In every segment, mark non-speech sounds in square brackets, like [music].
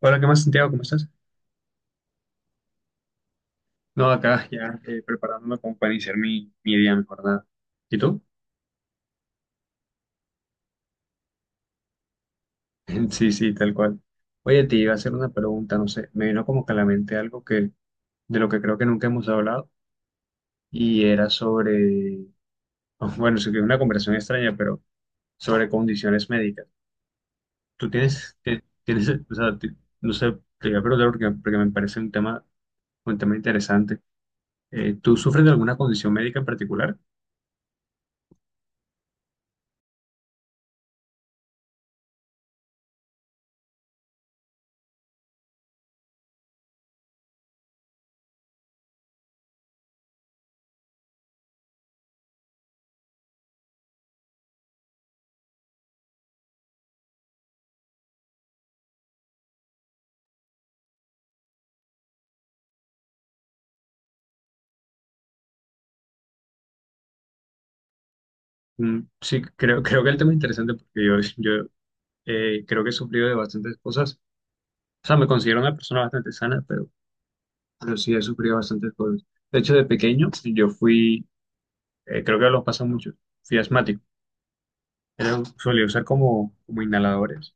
Hola, ¿qué más, Santiago? ¿Cómo estás? No, acá ya preparándome como para iniciar mi día, mi jornada. ¿Y tú? [laughs] Sí, sí, tal cual. Oye, te iba a hacer una pregunta, no sé, me vino como que a la mente algo que, de lo que creo que nunca hemos hablado, y era sobre, [laughs] bueno, sé que es una conversación extraña, pero sobre condiciones médicas. Tú tienes, tienes, o sea, no sé, te iba a preguntar porque me parece un tema interesante. ¿Tú sufres de alguna condición médica en particular? Sí, creo que el tema es interesante porque yo, [laughs] yo creo que he sufrido de bastantes cosas. O sea, me considero una persona bastante sana, pero sí he sufrido bastantes cosas. De hecho, de pequeño, yo fui, creo que lo pasa mucho, fui asmático. Era, solía usar como inhaladores,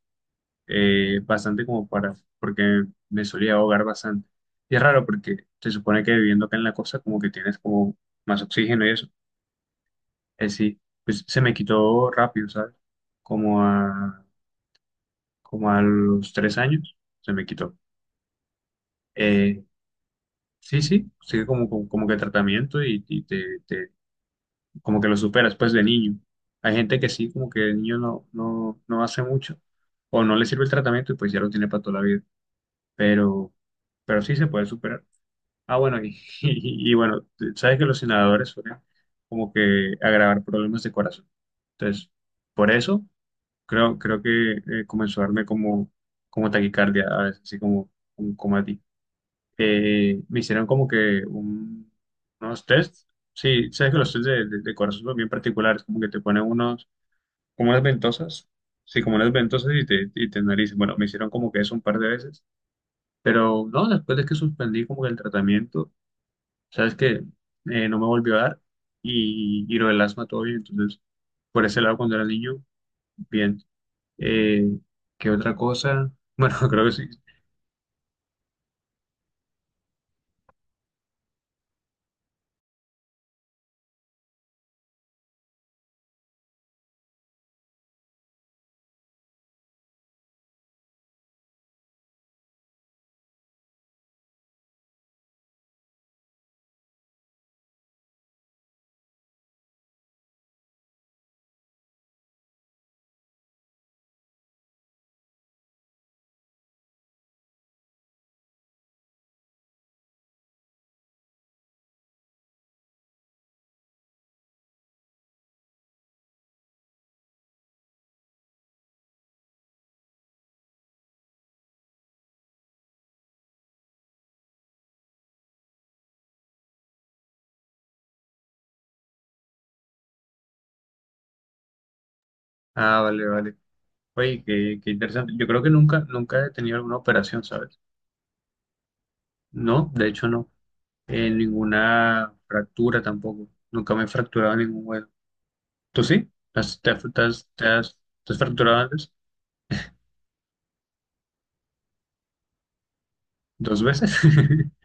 bastante como para, porque me solía ahogar bastante. Y es raro porque se supone que viviendo acá en la costa, como que tienes como más oxígeno y eso. Es sí, pues se me quitó rápido, ¿sabes? Como a, como a los 3 años, se me quitó. Eh, Sí, sí, sigue como que tratamiento y te, como que lo superas pues de niño. Hay gente que sí, como que de niño no, no hace mucho o no le sirve el tratamiento y pues ya lo tiene para toda la vida, pero, pero sí se puede superar. Ah, bueno, y, [laughs] y bueno, sabes que los inhaladores suelen como que agravar problemas de corazón. Entonces, por eso creo, creo que comenzó a darme como, como taquicardia a veces, así como a ti me hicieron como que unos tests. Sí, sabes que los tests de corazón son bien particulares, como que te ponen unos, como unas ventosas, sí, como unas ventosas y te analizan. Bueno, me hicieron como que eso un par de veces, pero no, después de que suspendí como que el tratamiento, sabes que no me volvió a dar y lo del asma todo bien, entonces por ese lado cuando era niño, bien. Eh, ¿Qué otra cosa? Bueno, [laughs] creo que sí. Ah, vale, vale. Oye, qué, qué interesante. Yo creo que nunca, nunca he tenido alguna operación, ¿sabes? No, de hecho no. Ninguna fractura tampoco. Nunca me he fracturado ningún hueso. ¿Tú sí? ¿Te has, te has fracturado antes? ¿Dos veces? [laughs]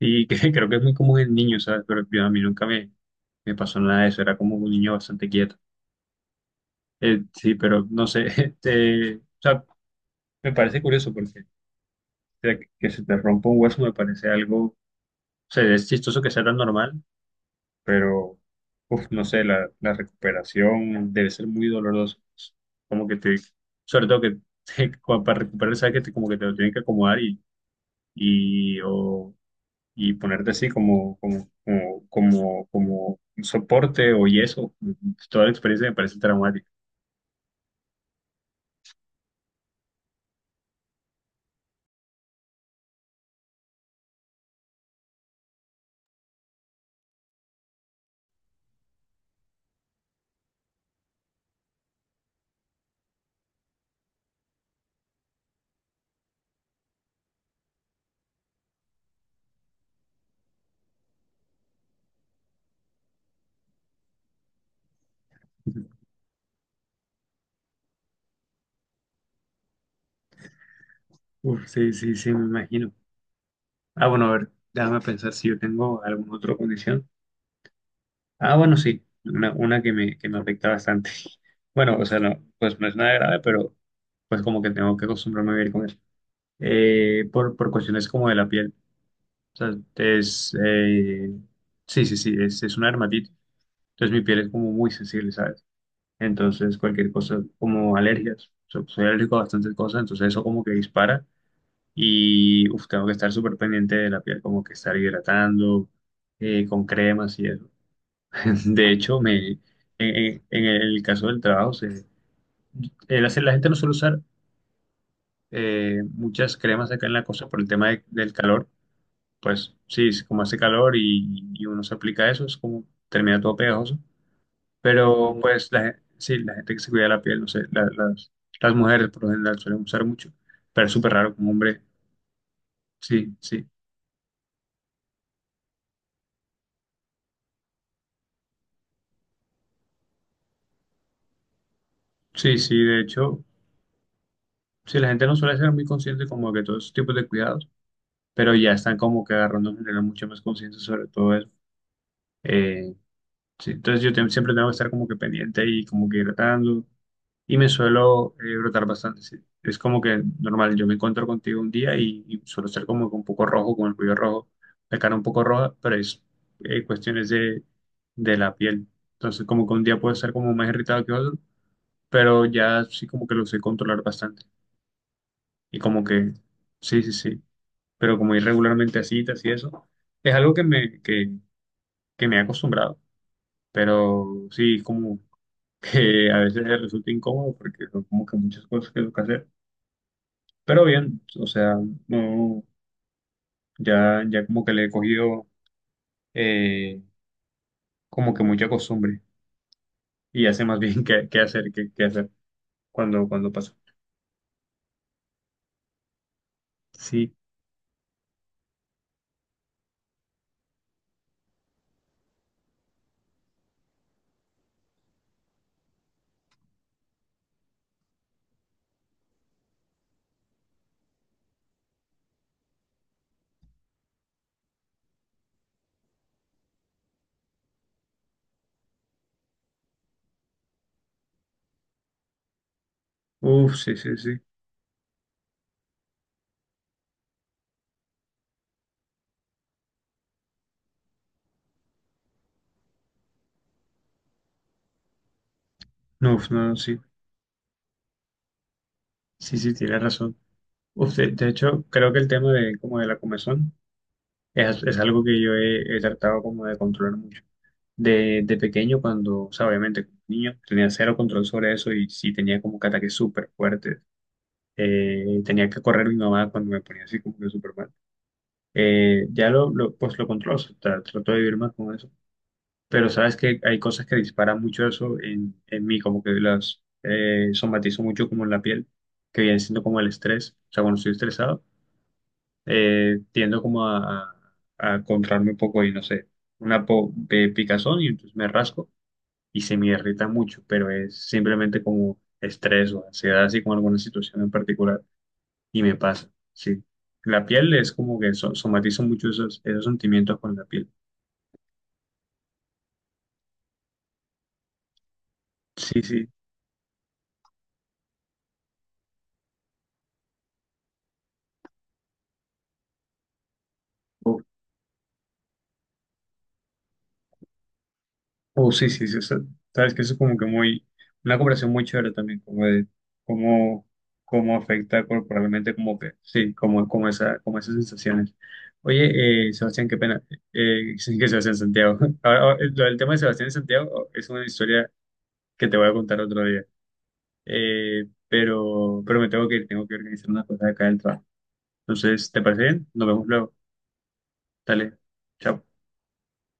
Y que, creo que es muy común en niños, ¿sabes? Pero yo, a mí nunca me, me pasó nada de eso. Era como un niño bastante quieto. Sí, pero no sé. [laughs] este, o sea, me parece curioso porque o sea, que se te rompa un hueso me parece algo... O sea, es chistoso que sea tan normal pero uf, no sé, la recuperación debe ser muy dolorosa. Como que te, sobre todo que [laughs] como para recuperar, sabes que te, como que te lo tienen que acomodar y, o, y ponerte así como un soporte o yeso. Toda la experiencia me parece traumática. Uf, sí, sí, sí, me imagino. Ah, bueno, a ver, déjame pensar si yo tengo alguna otra condición. Ah, bueno, sí, una que me afecta bastante. [laughs] Bueno, o sea, no, pues no es nada grave, pero pues como que tengo que acostumbrarme a vivir con eso. Por cuestiones como de la piel. O sea, es, sí, sí, sí, es una dermatitis. Entonces mi piel es como muy sensible, ¿sabes? Entonces cualquier cosa, como alergias. Soy alérgico a bastantes cosas, entonces eso como que dispara y uf, tengo que estar súper pendiente de la piel, como que estar hidratando con cremas y eso. [laughs] De hecho, me, en, en el caso del trabajo, se, el la gente no suele usar muchas cremas acá en la costa por el tema del calor. Pues sí, es como hace calor y uno se aplica eso, es como termina todo pegajoso. Pero pues la, sí, la gente que se cuida la piel, no sé, las mujeres por lo general suelen usar mucho, pero es súper raro como hombre. Sí, sí, de hecho, sí, la gente no suele ser muy consciente como que todos esos tipos de cuidados pero ya están como que agarrando en general mucho más conciencia sobre todo eso. Eh, sí, entonces yo siempre tengo que estar como que pendiente y como que hidratando. Y me suelo brotar bastante. Sí. Es como que normal, yo me encuentro contigo un día y suelo ser como que un poco rojo, con el cuello rojo, la cara un poco roja, pero es cuestiones de la piel. Entonces como que un día puedo estar como más irritado que otro, pero ya sí como que lo sé controlar bastante. Y como que, sí, pero como ir regularmente a citas y eso, es algo que me he acostumbrado. Pero sí, como que a veces resulta incómodo porque son como que muchas cosas que tengo que hacer, pero bien, o sea, no, ya, ya como que le he cogido eh, como que mucha costumbre y ya sé más [laughs] bien qué, qué hacer cuando, cuando pasa. Sí, uff, sí, sí, sí, no, uf, no, no, sí, sí, sí, tienes razón. Uf, de hecho, creo que el tema de como de la comezón es algo que yo he, he tratado como de controlar mucho. De pequeño, cuando, o sea, obviamente, como niño, tenía cero control sobre eso y sí tenía como que ataques súper fuertes. Tenía que correr mi mamá cuando me ponía así como que súper mal. Ya lo, pues lo controlo, o sea, trato de vivir más con eso. Pero sabes que hay cosas que disparan mucho eso en mí, como que las somatizo mucho como en la piel, que viene siendo como el estrés. O sea, cuando estoy estresado, tiendo como a contraerme un poco y no sé, una picazón y entonces me rasco y se me irrita mucho, pero es simplemente como estrés o ansiedad, así con alguna situación en particular, y me pasa, sí. La piel es como que somatizo mucho esos, esos sentimientos con la piel. Sí, sí. Oh, oh, sí, sí, sí. O sea, sabes que eso es como que muy, una conversación muy chévere también, como de cómo, cómo afecta corporalmente, como que, sí, como, como esa, como esas sensaciones. Oye, Sebastián, qué pena. [laughs] Sí, que Sebastián Santiago. [laughs] Ahora, ahora, el tema de Sebastián y Santiago oh, es una historia que te voy a contar otro día. Pero me tengo que ir, tengo que organizar unas cosas acá del trabajo. Entonces, ¿te parece bien? Nos vemos luego. Dale, chao.